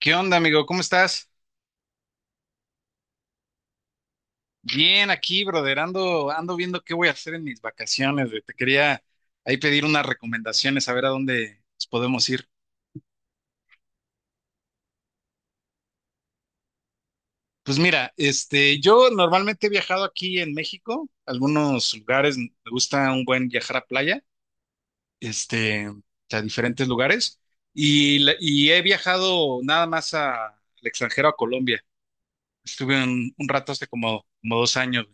¿Qué onda, amigo? ¿Cómo estás? Bien, aquí, brother. Ando viendo qué voy a hacer en mis vacaciones, güey. Te quería ahí pedir unas recomendaciones, a ver a dónde nos podemos ir. Pues mira, yo normalmente he viajado aquí en México, algunos lugares, me gusta un buen viajar a playa, este, a diferentes lugares, y, y he viajado nada más al extranjero, a Colombia. Estuve un rato hace como 2 años.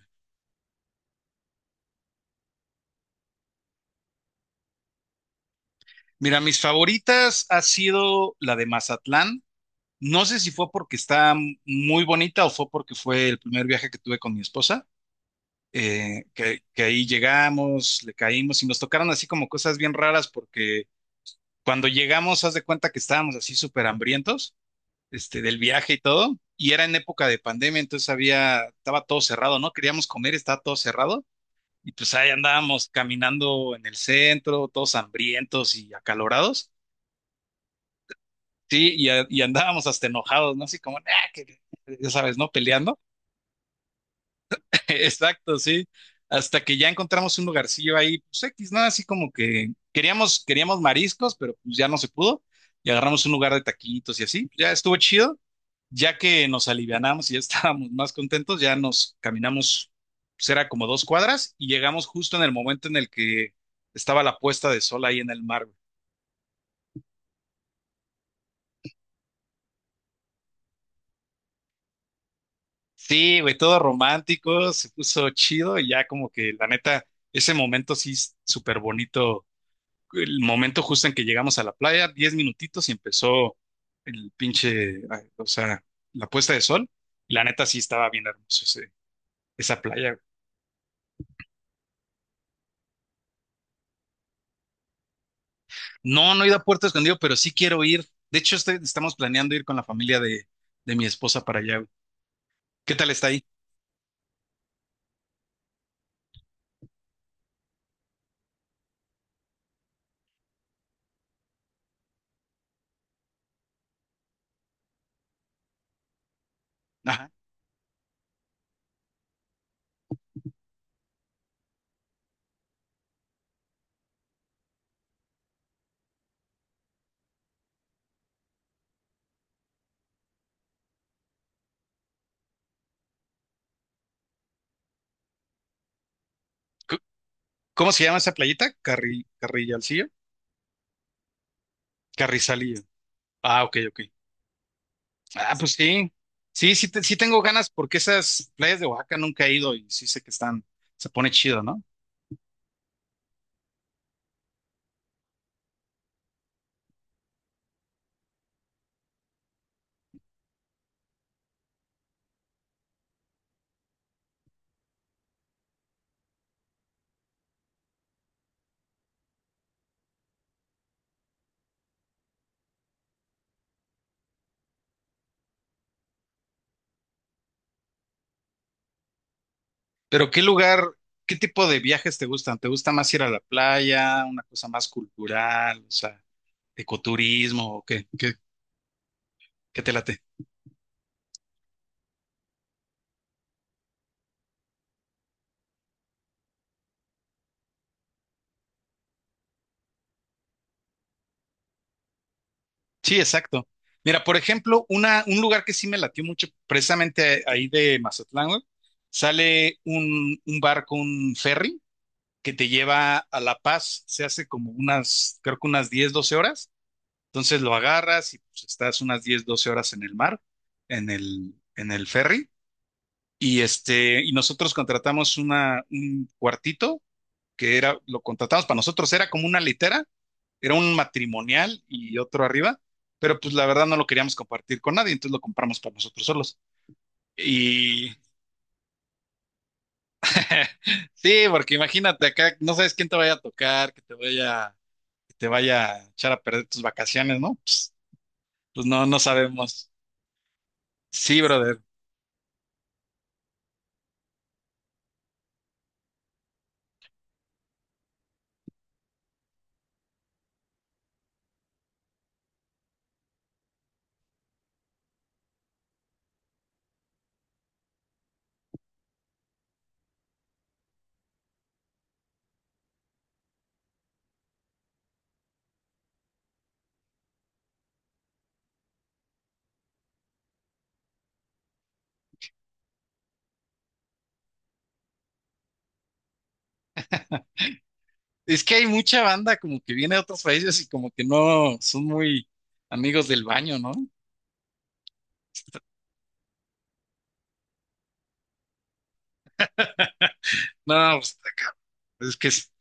Mira, mis favoritas ha sido la de Mazatlán. No sé si fue porque está muy bonita o fue porque fue el primer viaje que tuve con mi esposa, que ahí llegamos, le caímos y nos tocaron así como cosas bien raras porque cuando llegamos, haz de cuenta que estábamos así súper hambrientos, del viaje y todo, y era en época de pandemia, entonces había, estaba todo cerrado, ¿no? Queríamos comer, estaba todo cerrado, y pues ahí andábamos caminando en el centro, todos hambrientos y acalorados, sí, y andábamos hasta enojados, ¿no? Así como, "Ah, que-", ya sabes, ¿no? Peleando. Exacto, sí. Hasta que ya encontramos un lugarcillo ahí, pues X, nada, así como que queríamos mariscos, pero pues ya no se pudo. Y agarramos un lugar de taquitos y así. Ya estuvo chido. Ya que nos alivianamos y ya estábamos más contentos, ya nos caminamos, pues era como 2 cuadras y llegamos justo en el momento en el que estaba la puesta de sol ahí en el mar, güey. Sí, güey, todo romántico, se puso chido y ya como que la neta, ese momento sí es súper bonito, el momento justo en que llegamos a la playa, 10 minutitos y empezó el pinche, ay, o sea, la puesta de sol. La neta sí estaba bien hermoso esa playa. No, no he ido a Puerto Escondido, pero sí quiero ir. De hecho, estamos planeando ir con la familia de, mi esposa para allá, güey. ¿Qué tal está ahí? Ajá. C- ¿Cómo se llama esa playita? Carrillalcillo. Carrizalillo. Ah, ok, ok. Ah, pues sí. Sí, sí, sí tengo ganas porque esas playas de Oaxaca nunca he ido y sí sé que están, se pone chido, ¿no? Pero ¿Qué tipo de viajes te gustan? ¿Te gusta más ir a la playa, una cosa más cultural, o sea, ecoturismo o qué te late? Sí, exacto. Mira, por ejemplo, un lugar que sí me latió mucho, precisamente ahí de Mazatlán, güey, sale un barco, un ferry, que te lleva a La Paz. Se hace como unas, creo que unas 10 12 horas. Entonces lo agarras y pues, estás unas 10 12 horas en el mar, en el ferry. Y nosotros contratamos un cuartito que era, lo contratamos para nosotros, era como una litera, era un matrimonial y otro arriba, pero pues la verdad no lo queríamos compartir con nadie, entonces lo compramos para nosotros solos. Y sí, porque imagínate acá, no sabes quién te vaya a tocar, que te vaya a echar a perder tus vacaciones, ¿no? Pues no, no sabemos. Sí, brother. Es que hay mucha banda como que viene de otros países y como que no son muy amigos del baño, ¿no? No, pues, está es que, es-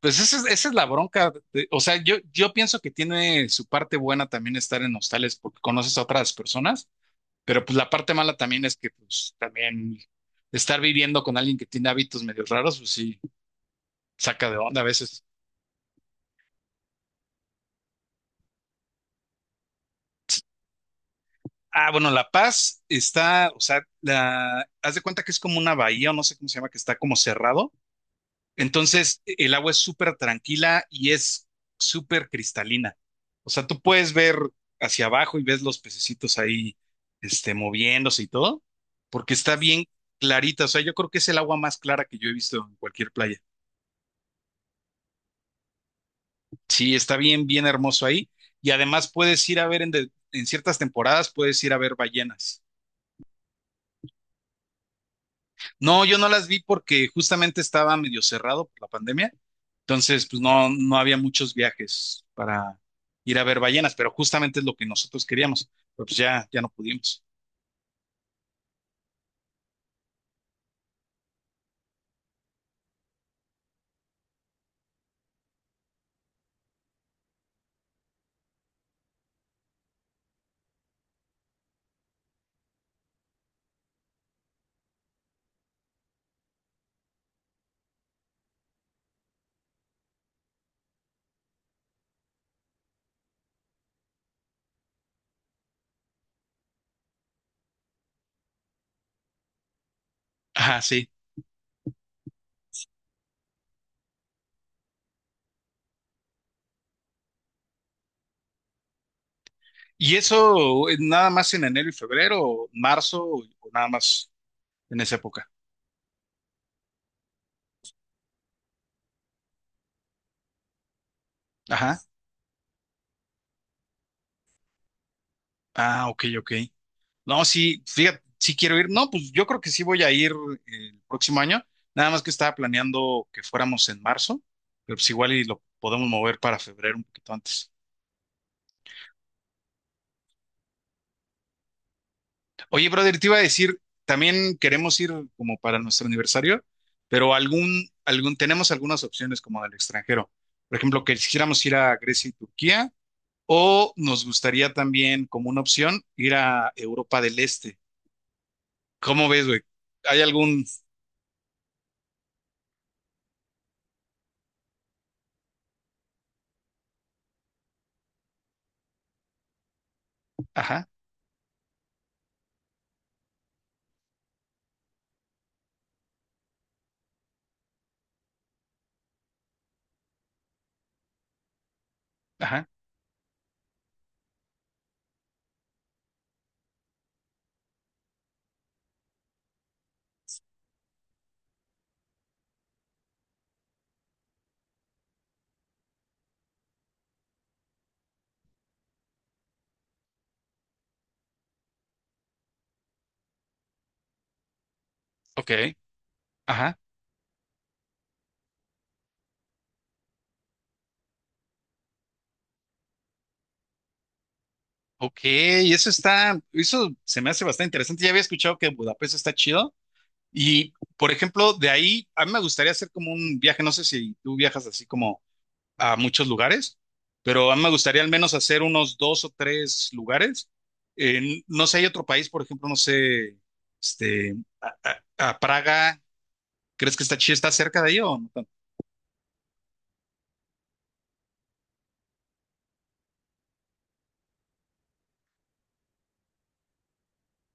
pues esa es la bronca. O sea, yo pienso que tiene su parte buena también estar en hostales porque conoces a otras personas, pero pues la parte mala también es que, pues también estar viviendo con alguien que tiene hábitos medio raros, pues sí, saca de onda a veces. Ah, bueno, La Paz está, o sea, haz de cuenta que es como una bahía, o no sé cómo se llama, que está como cerrado. Entonces, el agua es súper tranquila y es súper cristalina. O sea, tú puedes ver hacia abajo y ves los pececitos ahí, moviéndose y todo, porque está bien clarita. O sea, yo creo que es el agua más clara que yo he visto en cualquier playa. Sí, está bien, bien hermoso ahí. Y además puedes ir a ver en ciertas temporadas, puedes ir a ver ballenas. No, yo no las vi porque justamente estaba medio cerrado por la pandemia, entonces pues no, no había muchos viajes para ir a ver ballenas, pero justamente es lo que nosotros queríamos, pero pues ya, ya no pudimos. Ajá, sí. ¿Y eso nada más en enero y febrero, o marzo, o nada más en esa época? Ajá. Ah, ok, ok. No, sí, fíjate, sí quiero ir. No, pues yo creo que sí voy a ir el próximo año. Nada más que estaba planeando que fuéramos en marzo, pero pues igual y lo podemos mover para febrero un poquito antes. Oye, brother, te iba a decir, también queremos ir como para nuestro aniversario, pero tenemos algunas opciones como del extranjero. Por ejemplo, que quisiéramos ir a Grecia y Turquía, o nos gustaría también, como una opción, ir a Europa del Este. ¿Cómo ves, güey? ¿Hay algún? Ajá, ajá, ok, ajá. Ok, eso se me hace bastante interesante. Ya había escuchado que Budapest está chido. Y, por ejemplo, de ahí, a mí me gustaría hacer como un viaje, no sé si tú viajas así como a muchos lugares, pero a mí me gustaría al menos hacer unos dos o tres lugares. No sé, hay otro país, por ejemplo, no sé, este, a, a Praga, ¿crees que está chido? ¿Está cerca de ahí o no tanto?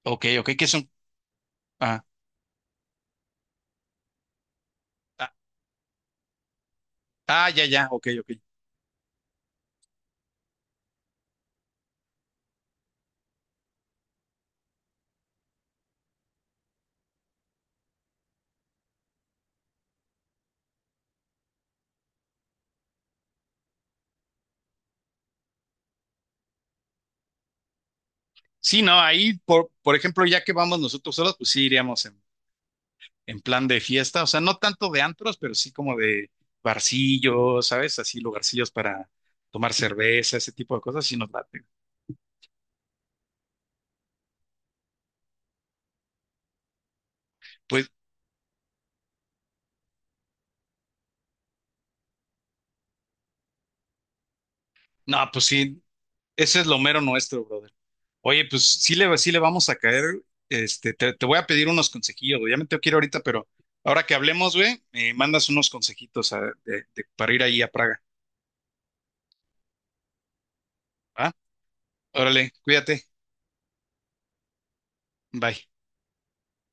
Ok, ok, ¿qué son? Ah, ah, ah, ya, ya, ok, ok. Sí, no, ahí, por ejemplo, ya que vamos nosotros solos, pues sí iríamos en plan de fiesta, o sea, no tanto de antros, pero sí como de barcillos, ¿sabes? Así lugarcillos para tomar cerveza, ese tipo de cosas, sí nos late. Pues, no, pues sí, ese es lo mero nuestro, brother. Oye, pues sí le vamos a caer, te voy a pedir unos consejillos, güey. Ya me tengo que ir ahorita, pero ahora que hablemos, güey, me mandas unos consejitos para ir ahí a Praga, ¿va? Órale, cuídate, bye.